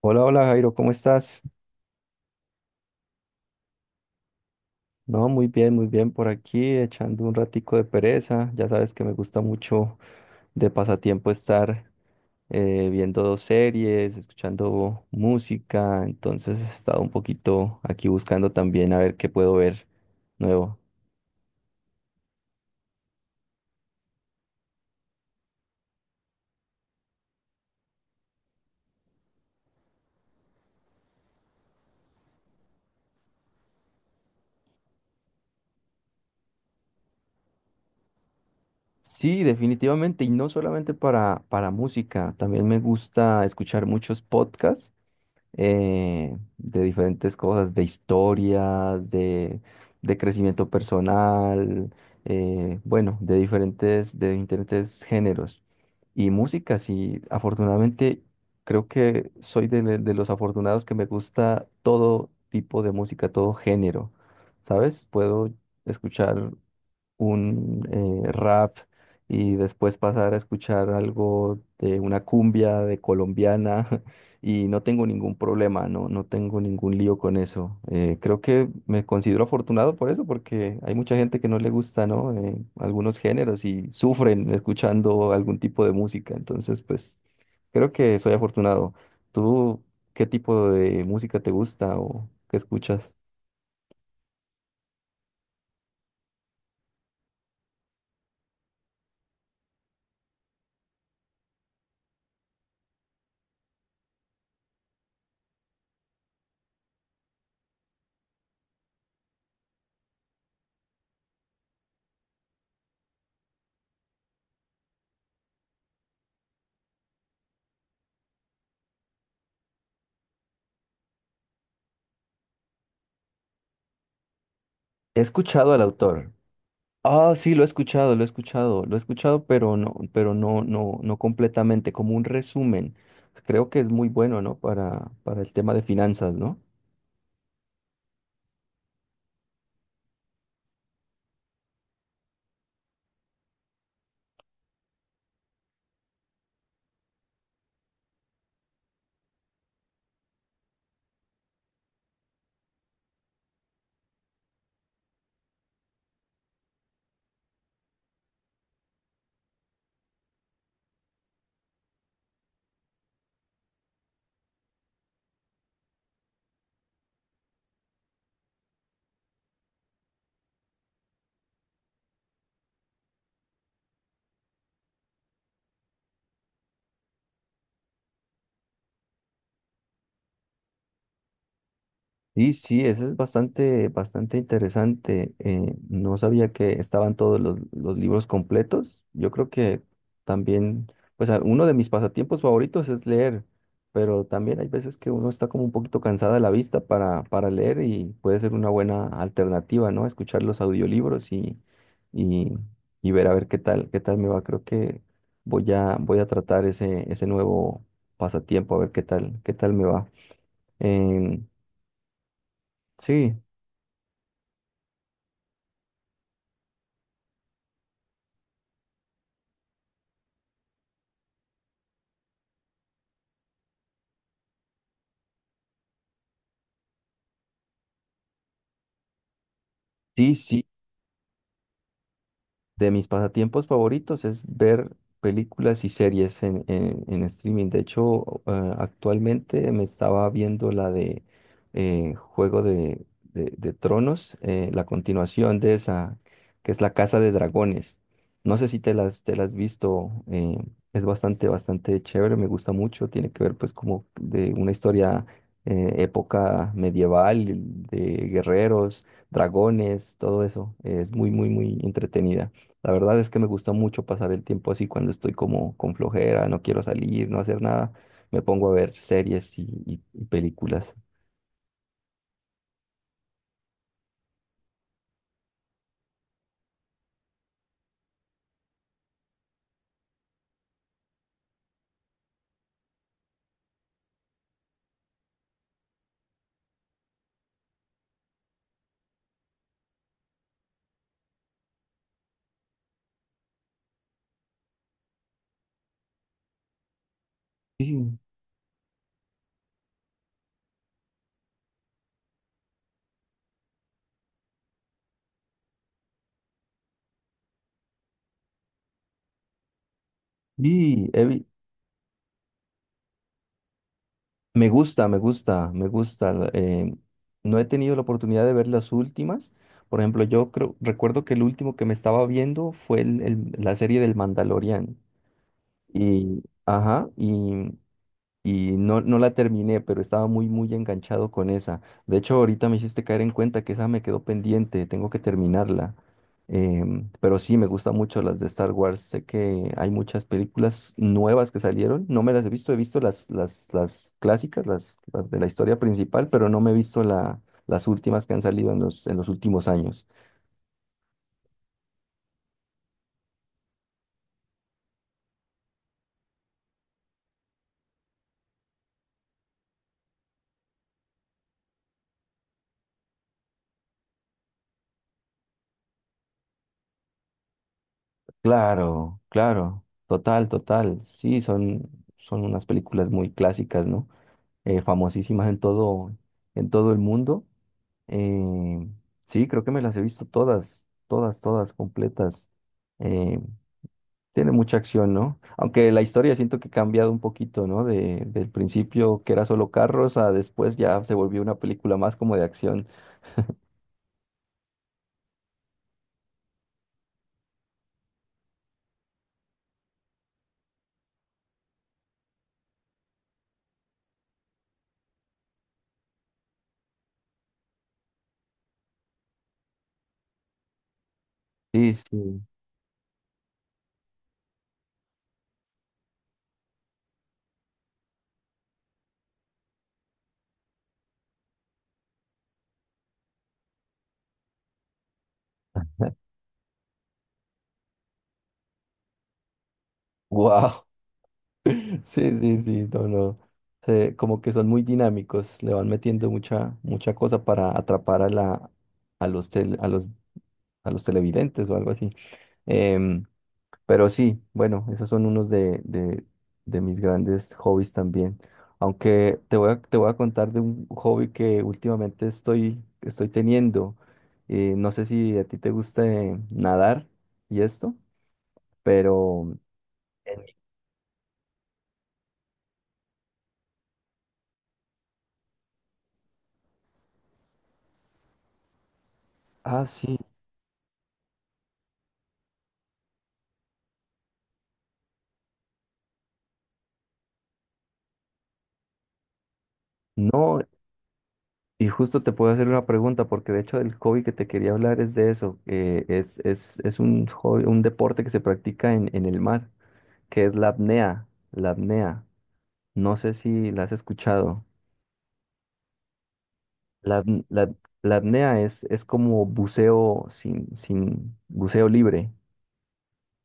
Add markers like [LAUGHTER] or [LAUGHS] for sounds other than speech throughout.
Hola, hola Jairo, ¿cómo estás? No, muy bien por aquí, echando un ratico de pereza. Ya sabes que me gusta mucho de pasatiempo estar viendo dos series, escuchando música, entonces he estado un poquito aquí buscando también a ver qué puedo ver nuevo. Sí, definitivamente, y no solamente para música, también me gusta escuchar muchos podcasts. De diferentes cosas, de historias, de crecimiento personal, bueno, de de diferentes géneros. Y música, sí, afortunadamente creo que soy de los afortunados que me gusta todo tipo de música, todo género, ¿sabes? Puedo escuchar un rap y después pasar a escuchar algo de una cumbia de colombiana [LAUGHS] y no tengo ningún problema, no, no tengo ningún lío con eso. Creo que me considero afortunado por eso, porque hay mucha gente que no le gusta, ¿no? Algunos géneros y sufren escuchando algún tipo de música, entonces pues creo que soy afortunado. ¿Tú qué tipo de música te gusta o qué escuchas? He escuchado al autor. Ah, sí, lo he escuchado, lo he escuchado, lo he escuchado, pero no, no, no completamente, como un resumen. Creo que es muy bueno, ¿no? Para el tema de finanzas, ¿no? Sí, sí, eso es bastante, bastante interesante. No sabía que estaban todos los libros completos. Yo creo que también, pues uno de mis pasatiempos favoritos es leer, pero también hay veces que uno está como un poquito cansada de la vista para leer y puede ser una buena alternativa, ¿no? Escuchar los audiolibros y, y ver a ver qué tal me va. Creo que voy a tratar ese nuevo pasatiempo, a ver qué tal me va. Em, Sí, Sí, sí, de mis pasatiempos favoritos es ver películas y series en streaming. De hecho, actualmente me estaba viendo la de Juego de Tronos, la continuación de esa, que es La Casa de Dragones. No sé si te las has visto, es bastante, bastante chévere, me gusta mucho. Tiene que ver pues como de una historia época medieval, de guerreros, dragones, todo eso. Es muy, muy, muy entretenida. La verdad es que me gusta mucho pasar el tiempo así cuando estoy como con flojera, no quiero salir, no hacer nada. Me pongo a ver series y películas. Sí, sí, me gusta, me gusta, me gusta. No he tenido la oportunidad de ver las últimas. Por ejemplo, yo creo, recuerdo que el último que me estaba viendo fue la serie del Mandalorian. Y, ajá, y no, no la terminé, pero estaba muy, muy enganchado con esa. De hecho, ahorita me hiciste caer en cuenta que esa me quedó pendiente, tengo que terminarla. Pero sí, me gustan mucho las de Star Wars. Sé que hay muchas películas nuevas que salieron. No me las he visto las clásicas, las de la historia principal, pero no me he visto las últimas que han salido en en los últimos años. Claro, claro, total, total. Sí, son unas películas muy clásicas, ¿no? Famosísimas en todo el mundo. Eh, sí, creo que me las he visto todas, todas, todas completas. Eh, Tiene mucha acción, ¿no? Aunque la historia siento que ha cambiado un poquito, ¿no? De, del principio que era solo carros a después ya se volvió una película más como de acción. Sí, sí. Wow. [LAUGHS] Sí, sí, sí, no, no. Como que son muy dinámicos, le van metiendo mucha, mucha cosa para atrapar a la, a los, tel- a los a los televidentes o algo así. Em, pero sí, bueno, esos son unos de mis grandes hobbies también. Aunque te voy a contar de un hobby que últimamente estoy, estoy teniendo. No sé si a ti te guste nadar y esto, pero... en- Ah, sí. No, y justo te puedo hacer una pregunta, porque de hecho el hobby que te quería hablar es de eso. Es, es un un deporte que se practica en el mar. Que es la apnea. La apnea. No sé si la has escuchado. La, apn- la- la apnea es como buceo sin buceo libre,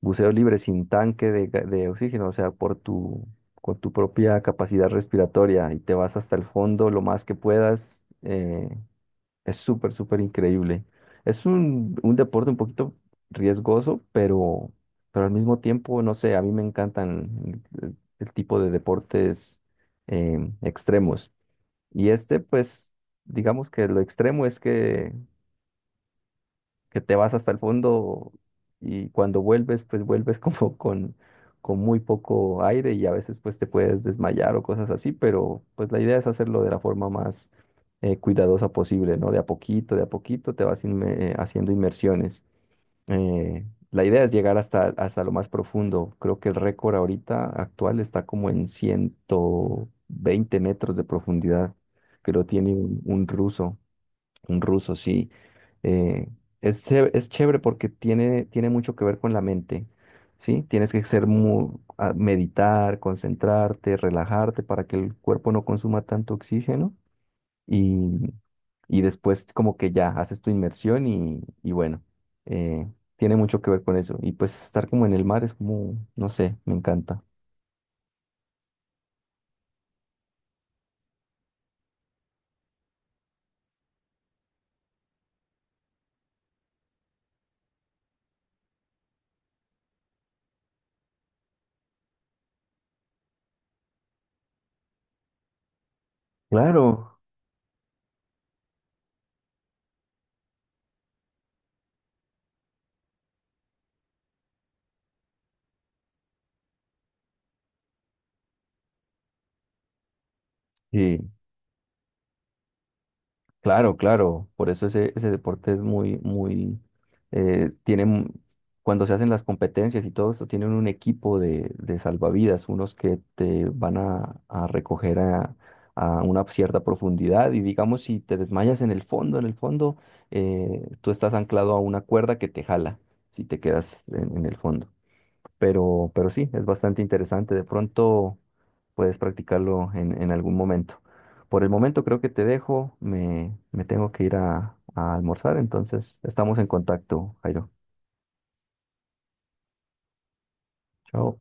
buceo libre sin tanque de oxígeno, o sea, por tu, con tu propia capacidad respiratoria y te vas hasta el fondo lo más que puedas. Es súper, súper increíble. Es un deporte un poquito riesgoso, pero al mismo tiempo, no sé, a mí me encantan el tipo de deportes extremos. Y este, pues, digamos que lo extremo es que te vas hasta el fondo y cuando vuelves, pues vuelves [LAUGHS] como con muy poco aire y a veces pues te puedes desmayar o cosas así, pero pues la idea es hacerlo de la forma más cuidadosa posible, ¿no? De a poquito haciendo inmersiones. La idea es llegar hasta, hasta lo más profundo. Creo que el récord ahorita actual está como en 120 metros de profundidad, que lo tiene un ruso. Un ruso, sí. Eh, es, es chévere porque tiene, tiene mucho que ver con la mente, ¿sí? Tienes que ser meditar, concentrarte, relajarte para que el cuerpo no consuma tanto oxígeno y, y después como que ya haces tu inmersión y bueno, eh, tiene mucho que ver con eso. Y pues estar como en el mar es como, no sé, me encanta. Claro. Sí. Claro, claro, por eso ese, ese deporte es muy, muy, tiene, cuando se hacen las competencias y todo esto, tienen un equipo de salvavidas, unos que a recoger a una cierta profundidad y digamos si te desmayas en el fondo, tú estás anclado a una cuerda que te jala si te quedas en el fondo, pero sí, es bastante interesante. De pronto puedes practicarlo en algún momento. Por el momento creo que te dejo, me tengo que ir a almorzar, entonces estamos en contacto, Jairo. Chao.